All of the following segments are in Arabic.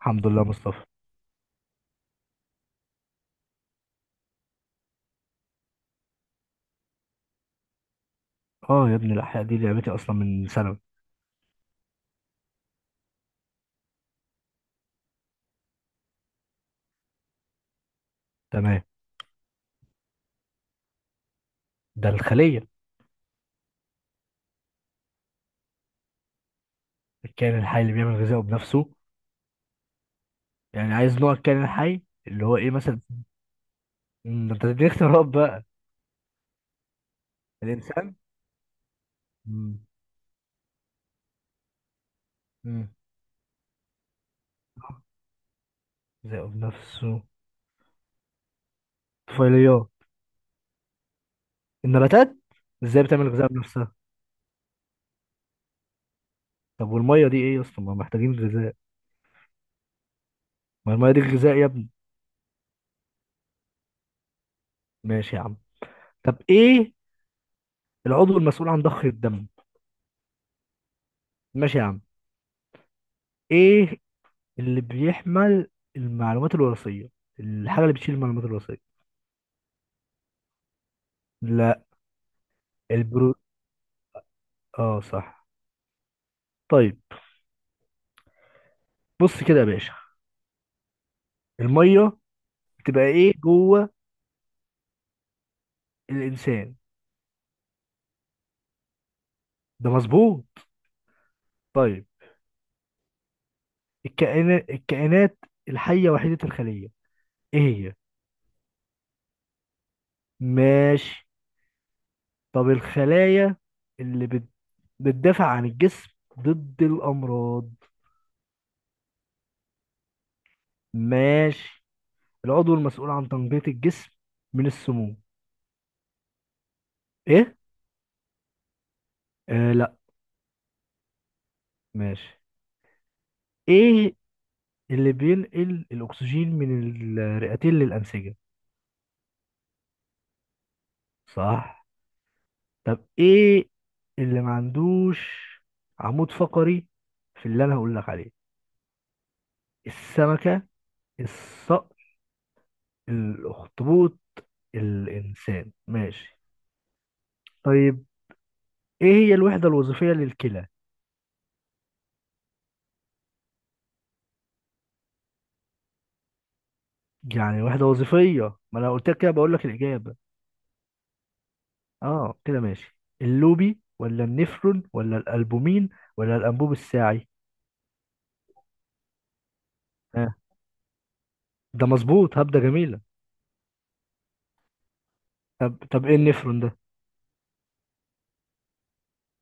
الحمد لله مصطفى. اه يا ابني الاحياء دي لعبتي اصلا من ثانوي. تمام. ده الخليه. الكائن الحي اللي بيعمل غذائه بنفسه، يعني عايز نوع الكائن الحي اللي هو ايه مثلا. ده انت تديني اختيارات بقى. الانسان. مم. مم. غذائه بنفسه، طفيليات. النباتات. ازاي بتعمل غذاء بنفسها؟ طب والميه دي ايه يا اسطى، ما محتاجين غذاء. ما الميه دي غذاء يا ابني. ماشي يا عم. طب ايه العضو المسؤول عن ضخ الدم؟ ماشي يا عم. ايه اللي بيحمل المعلومات الوراثية، الحاجة اللي بتشيل المعلومات الوراثية؟ لا. البرو اه صح. طيب بص كده يا باشا، المية بتبقى ايه جوه الانسان؟ ده مظبوط. طيب الكائنات الحية وحيدة الخلية، ايه هي؟ ماشي. طب الخلايا اللي بتدافع عن الجسم ضد الامراض؟ ماشي. العضو المسؤول عن تنقية الجسم من السموم؟ ايه؟ آه لا. ماشي. ايه اللي بينقل الأكسجين من الرئتين للأنسجة؟ صح. طب إيه اللي ما عندوش عمود فقري في اللي أنا هقول لك عليه؟ السمكة، الصقر، الأخطبوط، الإنسان. ماشي. طيب إيه هي الوحدة الوظيفية للكلى؟ يعني وحدة وظيفية، ما أنا قلت لك كده، بقول لك الإجابة. آه كده ماشي، اللوبي ولا النفرون ولا الألبومين ولا الأنبوب الساعي؟ آه. ده مظبوط، هبدة جميلة. طب ايه النفرون ده؟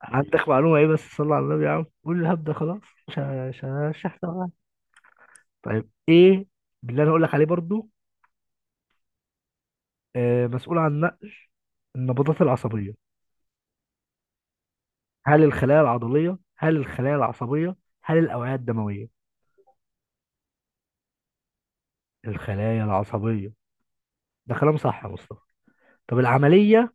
عندك معلومة ايه بس؟ صلى على النبي يا عم قول الهبد ده خلاص. مش هحسب معاك. طيب ايه باللي انا هقول لك عليه برضو؟ آه، مسؤول عن نقل النبضات العصبية. هل الخلايا العضلية، هل الخلايا العصبية، هل الأوعية الدموية؟ الخلايا العصبية، ده كلام صح يا مصطفى. طب العملية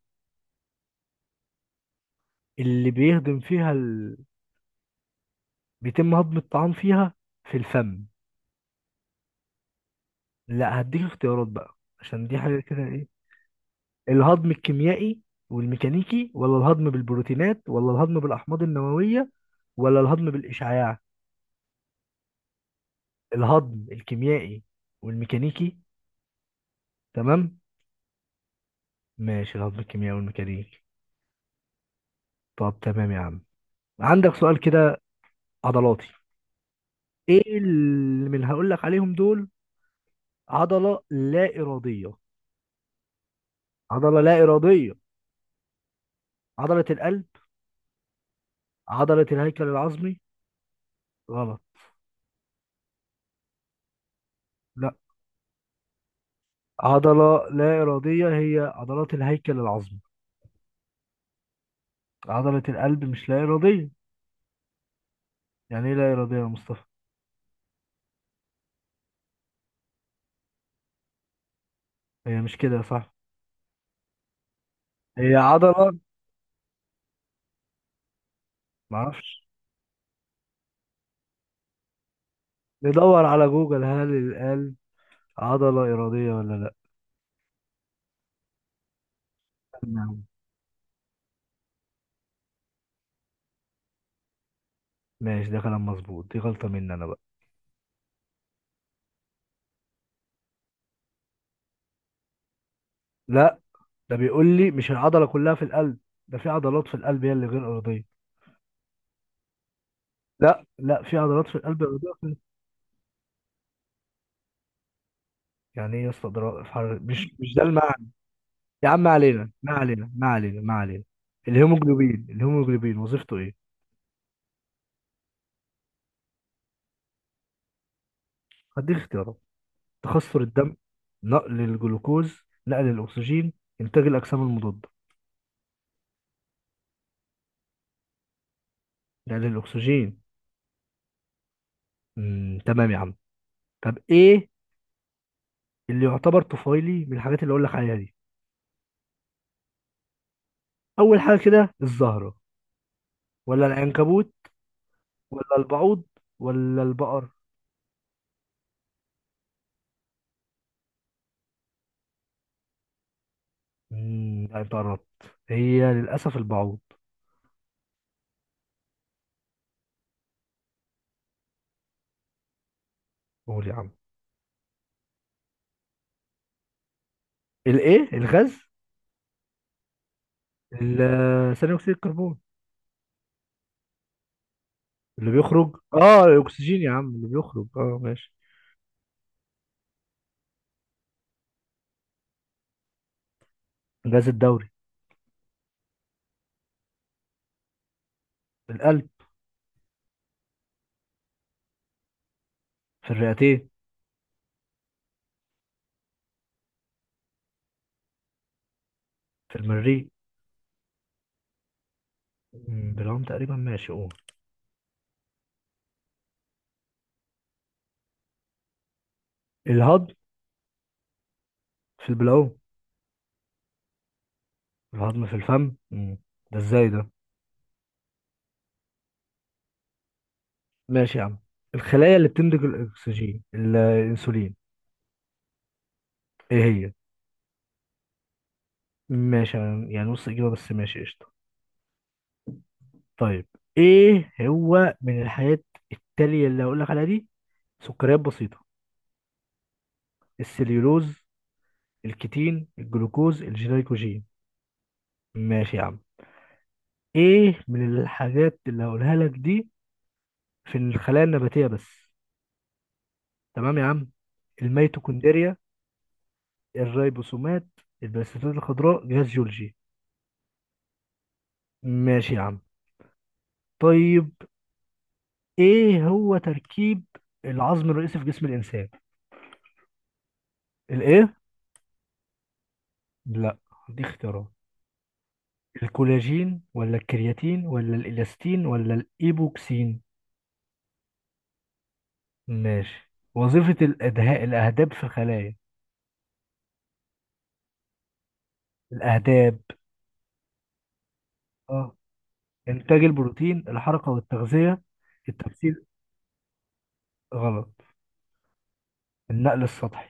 اللي بيتم هضم الطعام فيها في الفم؟ لا هديك اختيارات بقى عشان دي حاجة كده، إيه؟ الهضم الكيميائي والميكانيكي، ولا الهضم بالبروتينات، ولا الهضم بالأحماض النووية، ولا الهضم بالإشعاع؟ الهضم الكيميائي والميكانيكي. تمام. ماشي الهضم الكيميائي والميكانيكي. طب تمام يا عم، عندك سؤال كده عضلاتي. ايه اللي من هقول لك عليهم دول عضلة لا إرادية؟ عضلة لا إرادية، عضلة القلب، عضلة الهيكل العظمي. غلط. لا، عضلة لا إرادية هي عضلات الهيكل العظمي، عضلة القلب مش لا إرادية. يعني ايه لا إرادية يا مصطفى؟ هي مش كده صح؟ هي عضلة. معرفش. ندور على جوجل هل القلب عضلة إرادية ولا لا. نعم. ماشي ده كلام مظبوط، دي غلطة مني أنا بقى. لا، ده بيقول لي مش العضلة كلها في القلب، ده في عضلات في القلب هي اللي غير إرادية. لا لا، في عضلات في القلب إرادية وفي-. يعني إيه يا اسطى، ده رأي في حر-، مش ده المعنى. يا عم ما علينا ما علينا ما علينا ما علينا. الهيموجلوبين، الهيموجلوبين وظيفته إيه؟ هديك اختيارات: تخثر الدم، نقل الجلوكوز، نقل الأكسجين، إنتاج الأجسام المضادة. نقل الأكسجين. مم. تمام يا عم. طب إيه اللي يعتبر طفيلي من الحاجات اللي أقول لك عليها دي؟ أول حاجة كده الزهرة، ولا العنكبوت، ولا البعوض، ولا البقر؟ مم. لا، أنت قربت، هي للأسف البعوض. قول يا عم. الإيه الغاز؟ ثاني أكسيد الكربون. اللي بيخرج، الاكسجين يا عم اللي بيخرج، اه ماشي. الغاز الدوري. في القلب. في الرئتين. في المريء. بالعوم تقريبا، ماشي اه. الهضم في البلعوم. الهضم في الفم. ده ازاي ده؟ ماشي يا عم. الخلايا اللي بتنتج الاكسجين الانسولين، ايه هي؟ ماشي. يعني نص اجابه بس، ماشي قشطه. طيب ايه هو من الحاجات التاليه اللي هقول لك عليها دي؟ سكريات بسيطه، السليولوز، الكيتين، الجلوكوز، الجلايكوجين. ماشي يا عم. ايه من الحاجات اللي هقولها لك دي في الخلايا النباتيه بس؟ تمام يا عم. الميتوكوندريا، الريبوسومات، البلاستيدات الخضراء، جهاز جولجي. ماشي يا عم. طيب ايه هو تركيب العظم الرئيسي في جسم الانسان؟ الايه؟ لا. دي اختيارات: الكولاجين، ولا الكرياتين، ولا الالاستين، ولا الايبوكسين؟ ماشي. وظيفة الادهاء الاهداب في الخلايا؟ الاهداب. اه، انتاج البروتين، الحركة والتغذية، التمثيل. غلط. النقل السطحي.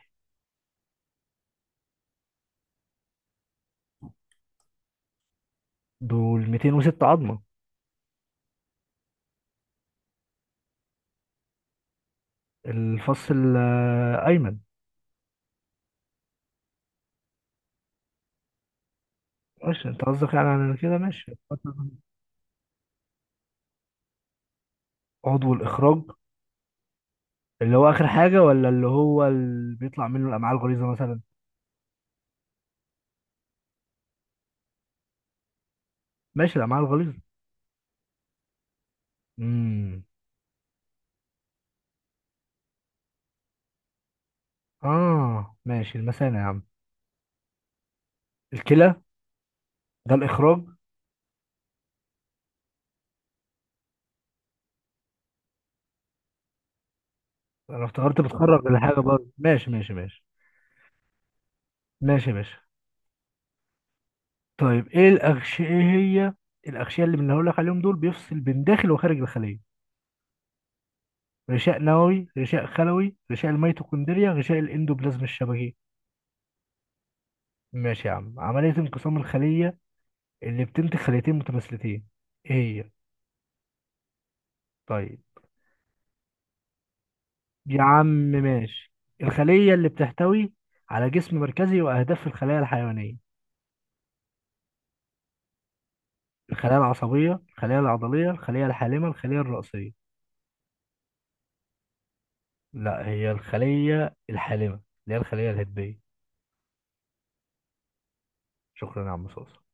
دول 206 عظمة. الفص الأيمن. ماشي انت قصدك يعني، على كده ماشي. عضو الاخراج اللي هو اخر حاجه، ولا اللي هو اللي بيطلع منه الامعاء الغليظه مثلا؟ ماشي الامعاء الغليظه. امم اه ماشي المثانه يا عم. الكلى. ده الاخراج؟ انا افتكرت بتخرج الحاجه برضه، ماشي ماشي ماشي. ماشي يا باشا. طيب ايه الاغشيه، ايه هي الاغشيه اللي بنقول لك عليهم دول بيفصل بين داخل وخارج الخليه؟ غشاء نووي، غشاء خلوي، غشاء الميتوكوندريا، غشاء الاندوبلازم الشبكي. ماشي يا عم. عمليه انقسام الخليه اللي بتنتج خليتين متماثلتين، ايه هي؟ طيب يا عم ماشي. الخلية اللي بتحتوي على جسم مركزي وأهداف الخلايا الحيوانية؟ الخلايا العصبية، الخلايا العضلية، الخلية الحالمة، الخلية الرئوسية. لا، هي الخلية الحالمة اللي هي الخلية الهدبية. شكرا يا عم صوص.